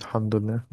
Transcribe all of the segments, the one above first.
الحمد لله.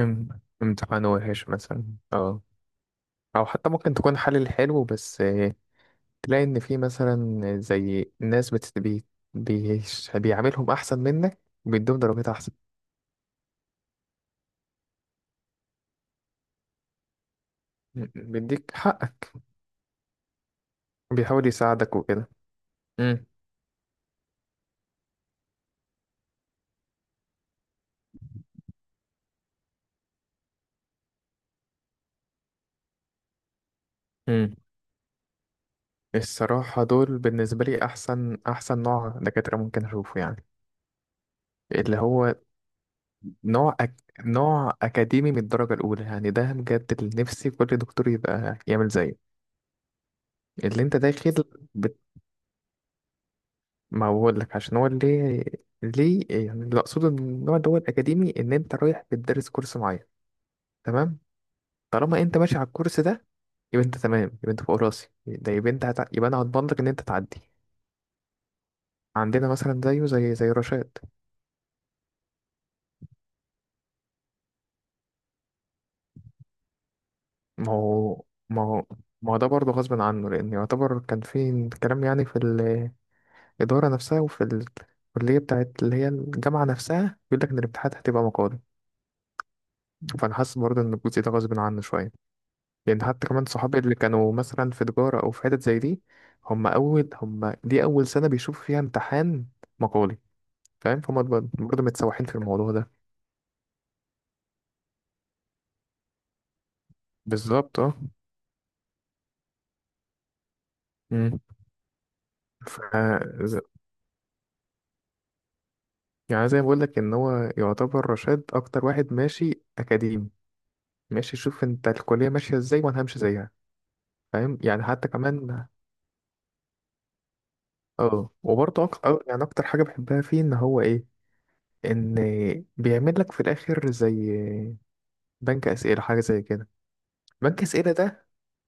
ام- امتحان وحش مثلا. اه، او حتى ممكن تكون حل حلو بس تلاقي ان في مثلا زي ناس بيعاملهم احسن منك وبيدوهم درجات احسن. بيديك حقك. بيحاول يساعدك وكده. امم امم. الصراحة دول بالنسبة لي احسن احسن نوع دكاترة ممكن اشوفه يعني. اللي هو نوع أك... نوع أكاديمي من الدرجة الأولى، يعني ده بجد اللي نفسي كل دكتور يبقى يعمل زيه. اللي أنت داخل، بت... ما بقول لك عشان هو اللي ليه، يعني اللي أقصده من النوع اللي هو الأكاديمي إن أنت رايح بتدرس كورس معين، تمام؟ طالما أنت ماشي على الكورس ده يبقى أنت تمام، يبقى أنت فوق راسي، ده يبقى يبقى أنا هضمن لك إن أنت تعدي. عندنا مثلا زيه، زي رشاد. ما هو ما هو ما هو ده برضه غصب عنه، لأن يعتبر كان في كلام يعني في الإدارة نفسها وفي الكلية بتاعت اللي هي الجامعة نفسها بيقول لك إن الامتحانات هتبقى مقالي. فأنا حاسس برضه إن الجزء ده غصب عنه شوية، لأن حتى كمان صحابي اللي كانوا مثلا في تجارة أو في حتت زي دي، هم أول هم دي أول سنة بيشوفوا فيها امتحان مقالي. فاهم؟ فهم برضه متسوحين في الموضوع ده. بالظبط اه. مم. ف ز- يعني زي ما بقول لك إن هو يعتبر رشاد أكتر واحد ماشي أكاديمي. ماشي، شوف أنت الكلية ماشية إزاي وأنا همشي زيها. فاهم يعني؟ حتى كمان اه. وبرضه أك... أه، يعني اكتر حاجه بحبها فيه ان هو ايه، ان بيعمل لك في الاخر زي بنك اسئله، حاجه زي كده. بنك اسئله ده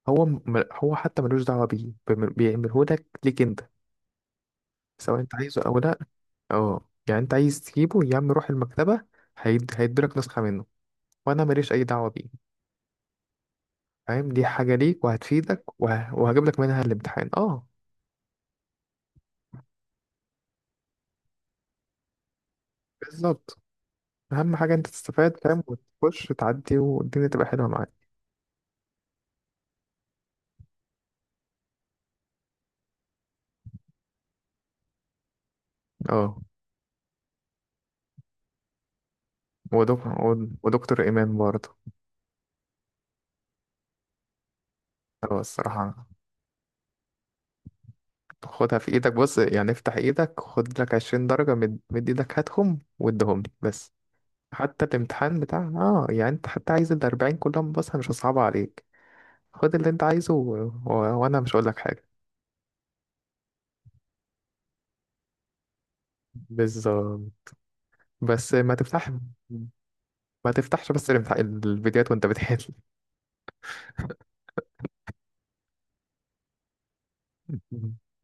هو حتى ملوش دعوه بيه، بيعمله لك، ليك انت سواء انت عايزه او لا. اه يعني انت عايز تجيبه، يا عم روح المكتبه هيديلك نسخه منه وانا ماليش اي دعوه بيه. فاهم؟ دي حاجه ليك وهتفيدك وهجيب لك منها الامتحان اه. بالظبط. اهم حاجه انت تستفاد. فاهم؟ وتخش تعدي والدنيا تبقى حلوه معاك. اه. ودك... ودكتور إيمان برضه. هو الصراحة خدها في إيدك، بص يعني افتح إيدك خد لك 20 درجة، مد إيدك هاتهم واديهم لي بس. حتى الامتحان بتاع يعني أنت حتى عايز الـ40 كلهم، بص أنا مش هصعبها عليك، خد اللي أنت عايزه و... وأنا مش هقول لك حاجة. بالظبط. بس ما تفتحش بس الامتحان الفيديوهات وأنت بتحل.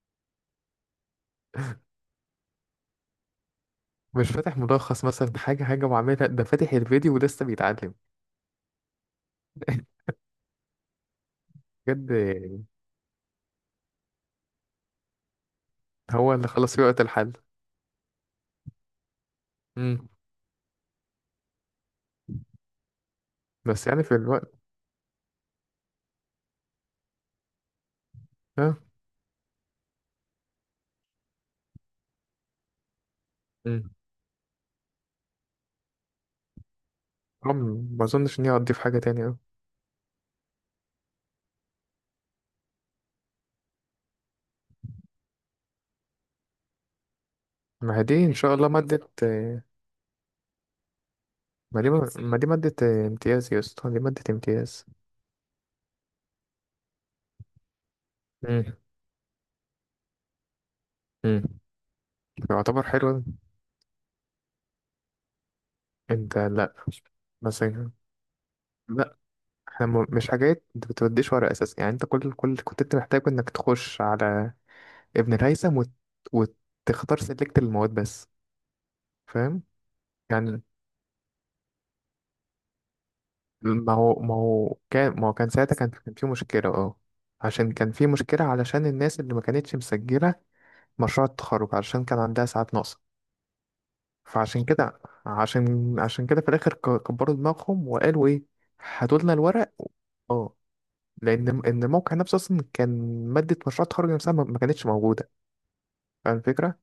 مش فاتح ملخص مثلا، حاجة حاجة وعاملها، ده فاتح الفيديو ولسه بيتعلم. بجد؟ هو اللي خلص في وقت الحل. بس يعني في الوقت. اه. مم. أم- ما اظنش ان هي هتضيف حاجه تانية أوي. ما هي دي ان شاء الله ماده ما دي ماده امتياز يا اسطى، دي ماده امتياز. مم. مم. يعتبر حلو. انت لا. مثلا لا، احنا مش حاجات انت بتوديش ورق اساسا، يعني انت كل كنت انت محتاج انك تخش على ابن الهيثم وتختار سلكت المواد بس. فاهم يعني. ما هو كان ساعتها كان في مشكلة اه. عشان كان في مشكلة علشان الناس اللي ما كانتش مسجلة مشروع التخرج علشان كان عندها ساعات ناقصة. فعشان كده عشان كده في الآخر كبروا دماغهم وقالوا إيه، هاتوا لنا الورق. اه لأن إن الموقع نفسه أصلا كان مادة مشروع التخرج نفسها ما كانتش موجودة. فاهم الفكرة؟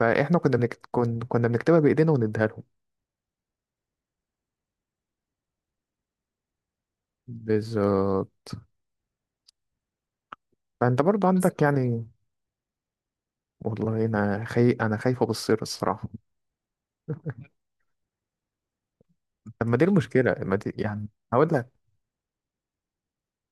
فإحنا كنا بنكتبها بإيدينا ونديها لهم. بالظبط. فأنت برضو عندك يعني. والله أنا أنا خايف أبصر الصراحة. طب ما دي المشكلة، ما دي يعني. هقول لك.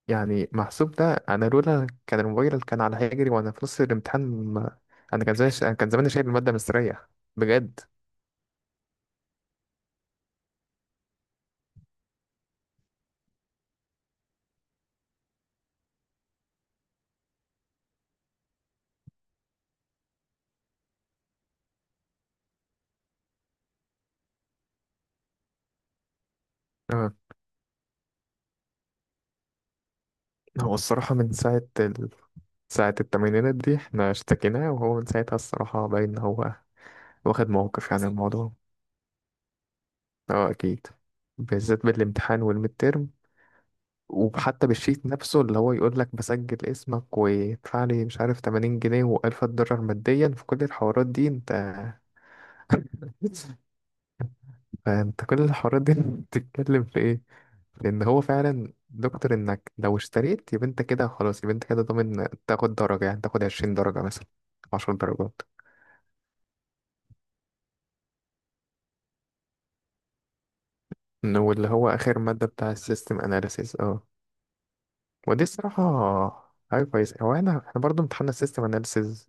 يعني محسوب ده أنا لولا كان الموبايل كان على هيجري وأنا في نص الامتحان أنا كان زمان، أنا كان زماني شايل المادة مستريح. بجد. آه، هو الصراحة من ساعة ساعة التمرينات دي احنا اشتكيناه، وهو من ساعتها الصراحة باين إن هو واخد موقف يعني الموضوع. اه أكيد. بالذات بالامتحان والميد تيرم، وحتى بالشيت نفسه اللي هو يقول لك بسجل اسمك ويدفع لي، مش عارف 80 جنيه و1000 دولار، ماديا في كل الحوارات دي انت. فانت كل الحوارات دي بتتكلم في ايه. لان هو فعلا دكتور انك لو اشتريت يبقى انت كده خلاص، يبقى انت كده ضامن تاخد درجة، يعني تاخد 20 درجة مثلا، 10 درجات. واللي هو اخر مادة بتاع السيستم اناليسيز اه. ودي الصراحة حاجة كويسة. هو انا احنا برضه امتحنا السيستم اناليسيز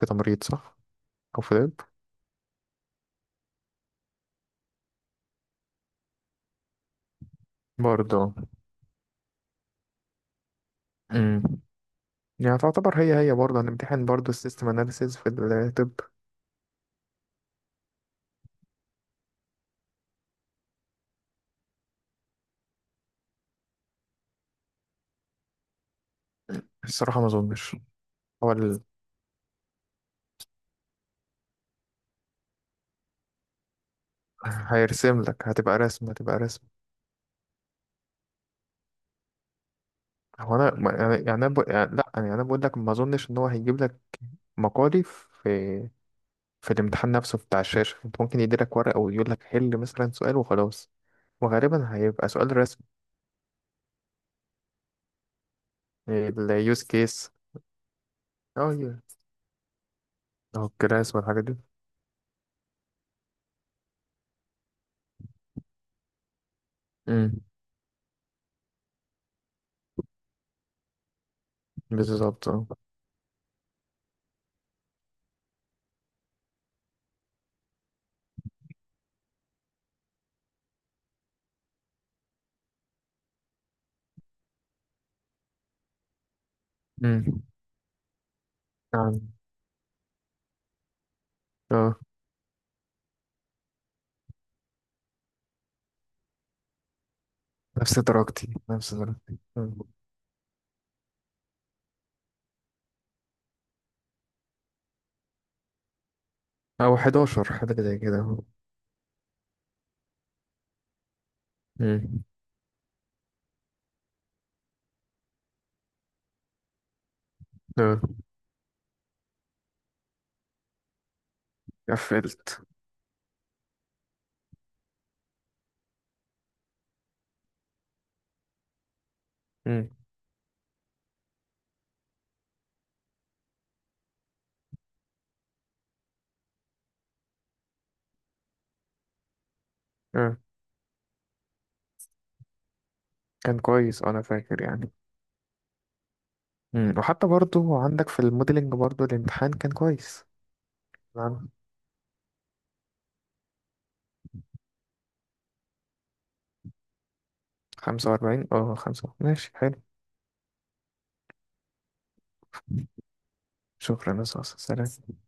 في تمريض صح؟ او في طب؟ برضه. امم. يعني تعتبر هي برضه هنمتحن برضه السيستم اناليسيز في الطب. الصراحة ما اظنش. هو هيرسم لك، هتبقى رسم هتبقى رسم. هو انا يعني انا بقول يعني لا، يعني انا بقول لك ما اظنش ان هو هيجيب لك مقالي في في الامتحان نفسه بتاع الشاشه. انت ممكن يديلك ورقه ويقول لك حل مثلا سؤال وخلاص، وغالبا هيبقى سؤال رسم. اليوز كيس اه. اه الكلاس والحاجات دي. امم. بالظبط اه. امم. يعني اه نفس درجتي نفس درجتي أمم. او 11 حاجه زي كده. امم. اه قفلت. امم. كان كويس انا فاكر يعني. مم. وحتى برضو عندك في الموديلنج برضو الامتحان كان كويس. نعم. 45 اه، خمسة ماشي حلو. شكرا يا أستاذ. سلام.